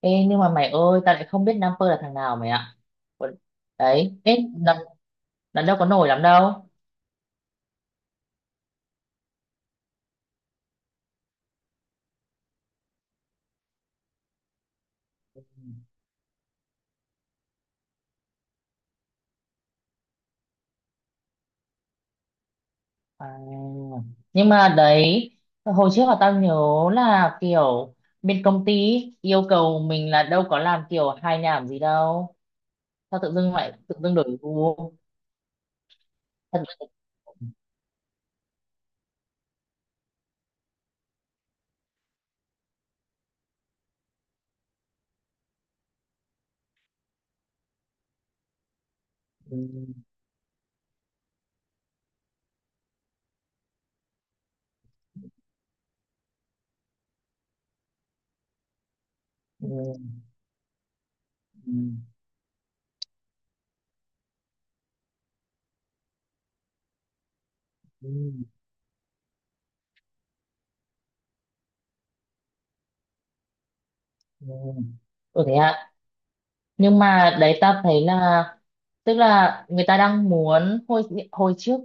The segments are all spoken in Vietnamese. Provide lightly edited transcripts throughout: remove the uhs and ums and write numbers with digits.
Ê, nhưng mà mày ơi, tao lại không biết Nam Pơ là thằng nào mày ạ. Ủa, đấy ê, lần lần đâu có nổi lắm đâu. À, nhưng mà đấy, hồi trước là tao nhớ là kiểu bên công ty yêu cầu mình là đâu có làm kiểu hài nhảm gì đâu. Tao tự dưng lại tự dưng đổi gu, thật là- ừ, ừ, ừ, ừ, ừ. Ừ. Ừ, thế ạ. Nhưng mà đấy, ta thấy là, tức là người ta đang muốn, hồi hồi trước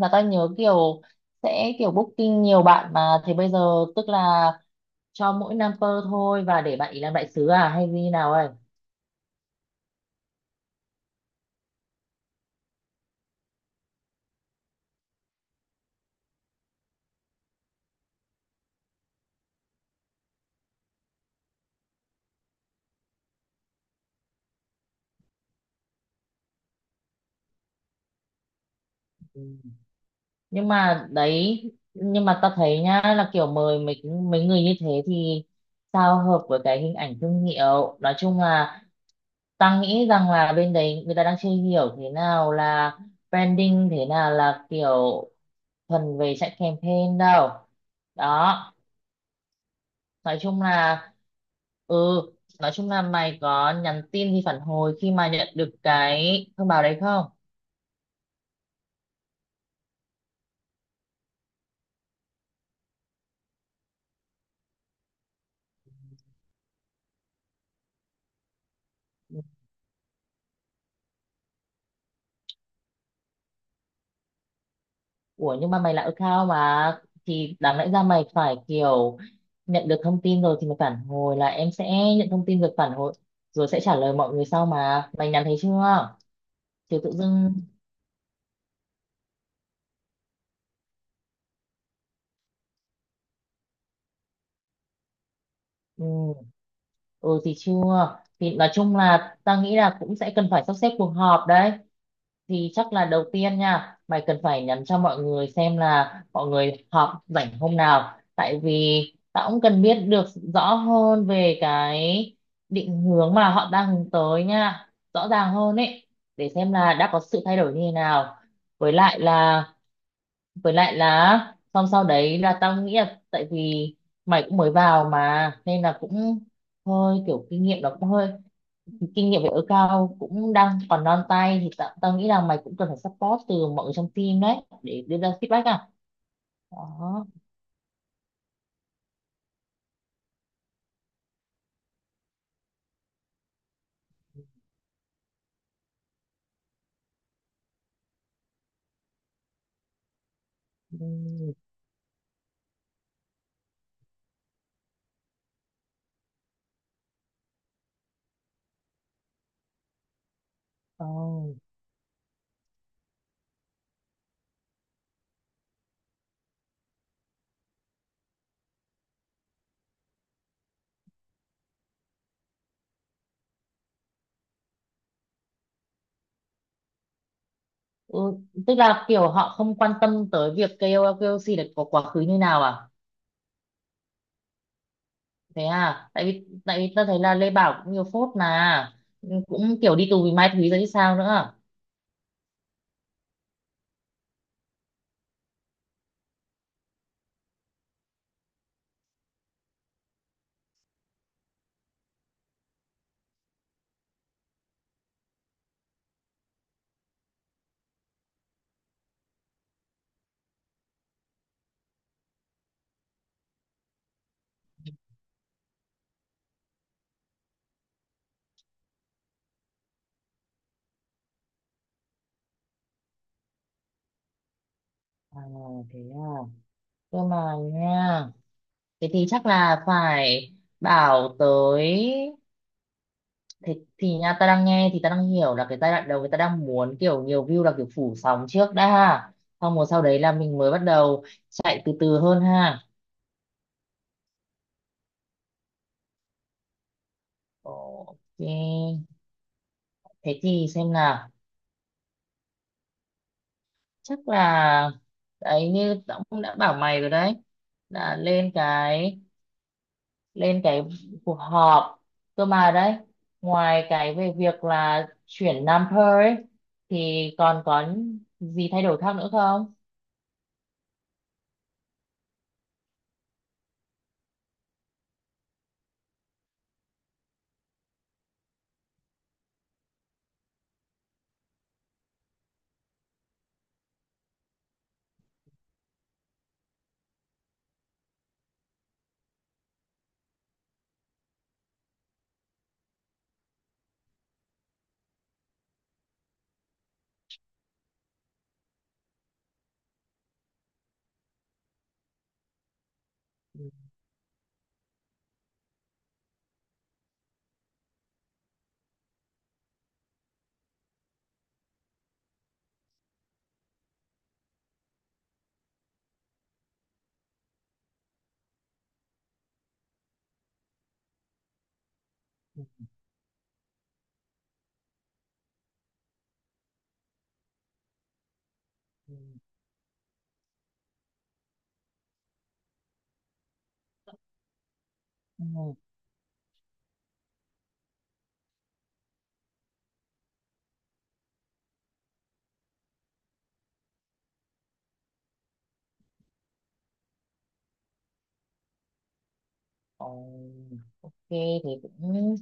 là ta nhớ kiểu sẽ kiểu booking nhiều bạn, mà thì bây giờ, tức là cho mỗi number thôi và để bạn ý làm đại sứ à hay như nào ấy. Ừ. Nhưng mà đấy, nhưng mà ta thấy nhá, là kiểu mời mấy mấy người như thế thì sao hợp với cái hình ảnh thương hiệu. Nói chung là ta nghĩ rằng là bên đấy người ta đang chưa hiểu thế nào là branding, thế nào là kiểu thuần về chạy campaign đâu. Đó, nói chung là ừ, nói chung là mày có nhắn tin thì phản hồi khi mà nhận được cái thông báo đấy không? Ủa nhưng mà mày là account mà, thì đáng lẽ ra mày phải kiểu nhận được thông tin rồi thì mày phản hồi là em sẽ nhận thông tin rồi phản hồi, rồi sẽ trả lời mọi người sau, mà mày nhắn thấy chưa? Chứ tự dưng, ừ, ừ thì chưa thì nói chung là ta nghĩ là cũng sẽ cần phải sắp xếp cuộc họp đấy. Thì chắc là đầu tiên nha, mày cần phải nhắn cho mọi người xem là mọi người họp rảnh hôm nào, tại vì tao cũng cần biết được rõ hơn về cái định hướng mà họ đang hướng tới nha, rõ ràng hơn ấy, để xem là đã có sự thay đổi như thế nào. Với lại là với lại là xong sau đấy là tao nghĩ là, tại vì mày cũng mới vào mà nên là cũng hơi kiểu kinh nghiệm nó cũng hơi, kinh nghiệm về ở cao cũng đang còn non tay, thì tao nghĩ là mày cũng cần phải support từ mọi người trong team đấy để đưa ra feedback à. Đó. Ừ. Ờ. Ừ. Tức là kiểu họ không quan tâm tới việc KOL KOC là có quá khứ như nào à? Thế à, tại vì tao thấy là Lê Bảo cũng nhiều phốt mà, cũng kiểu đi tù vì mai thúy rồi chứ sao nữa. À, thế à. Cơ mà nha, thế thì chắc là phải bảo tới, thì, thì nha, ta đang nghe thì ta đang hiểu là cái giai đoạn đầu người ta đang muốn kiểu nhiều view, là kiểu phủ sóng trước đã ha. Xong rồi sau đấy là mình mới bắt đầu chạy từ từ hơn ha. Ok. Thế thì xem nào. Chắc là đấy, như ông đã bảo mày rồi đấy. Là lên cái cuộc họp, cơ mà đấy, ngoài cái về việc là chuyển number ấy, thì còn có gì thay đổi khác nữa không? Ừ, ừ, ừ. Ừ. Ồ, ok thì cũng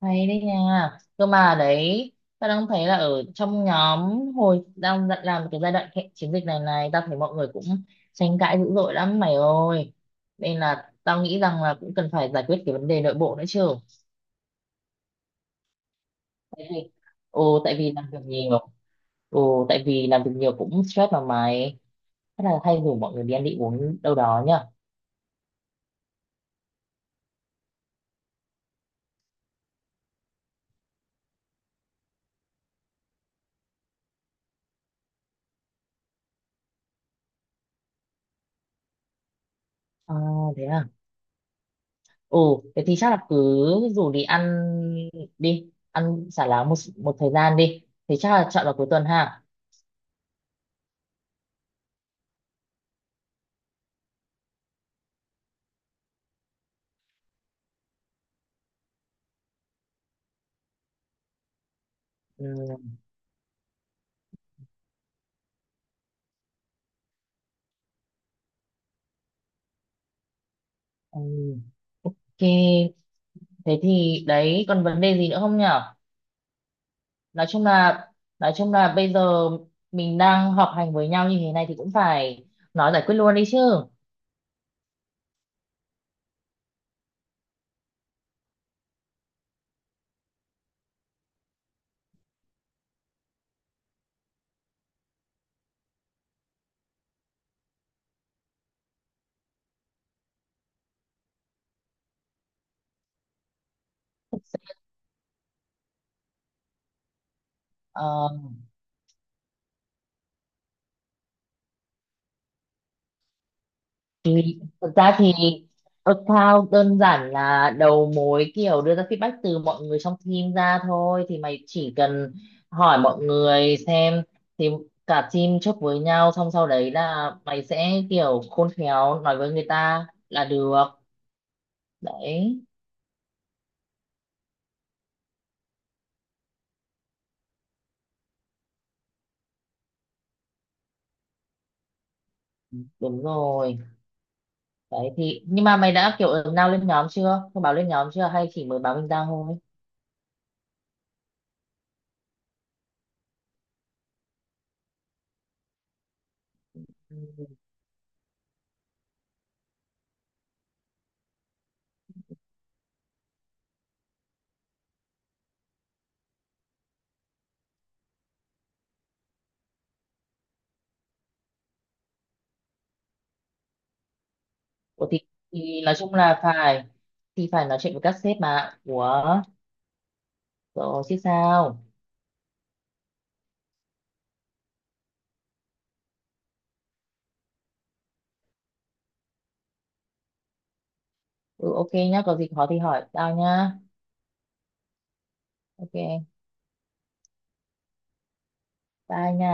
hay đấy nha. Cơ mà đấy, ta đang thấy là ở trong nhóm, làm cái chiến dịch này này, tao thấy mọi người cũng tranh cãi dữ dội lắm mày ơi, nên là tao nghĩ rằng là cũng cần phải giải quyết cái vấn đề nội bộ nữa chứ. Cái gì? Ồ, tại vì làm việc nhiều. Ồ, tại vì làm việc nhiều cũng stress mà mày. Chắc là hay rủ mọi người đi ăn đi uống đâu đó nhá. À, thế à. Ồ, thế thì chắc là cứ rủ đi. Ăn xả láng một thời gian đi. Thế chắc là chọn vào cuối tuần ha. Ừ, ừ, ok. Thế thì đấy, còn vấn đề gì nữa không nhở? Nói chung là nói chung là bây giờ mình đang họp hành với nhau như thế này thì cũng phải nói, giải quyết luôn đi chứ. Ờ thì thực ra thì account đơn giản là đầu mối kiểu đưa ra feedback từ mọi người trong team ra thôi, thì mày chỉ cần hỏi mọi người xem, thì cả team chốt với nhau, xong sau đấy là mày sẽ kiểu khôn khéo nói với người ta là được. Đấy, đúng rồi đấy. Thì nhưng mà mày đã kiểu ứng nào lên nhóm chưa, thông báo lên nhóm chưa, hay chỉ mới báo mình ra thôi? Ừ. Ủa thì nói chung là phải, thì phải nói chuyện với các sếp mà ủa. Rồi chứ sao. Ừ ok nhá, có gì khó thì hỏi tao nhá. Ok, bye nha.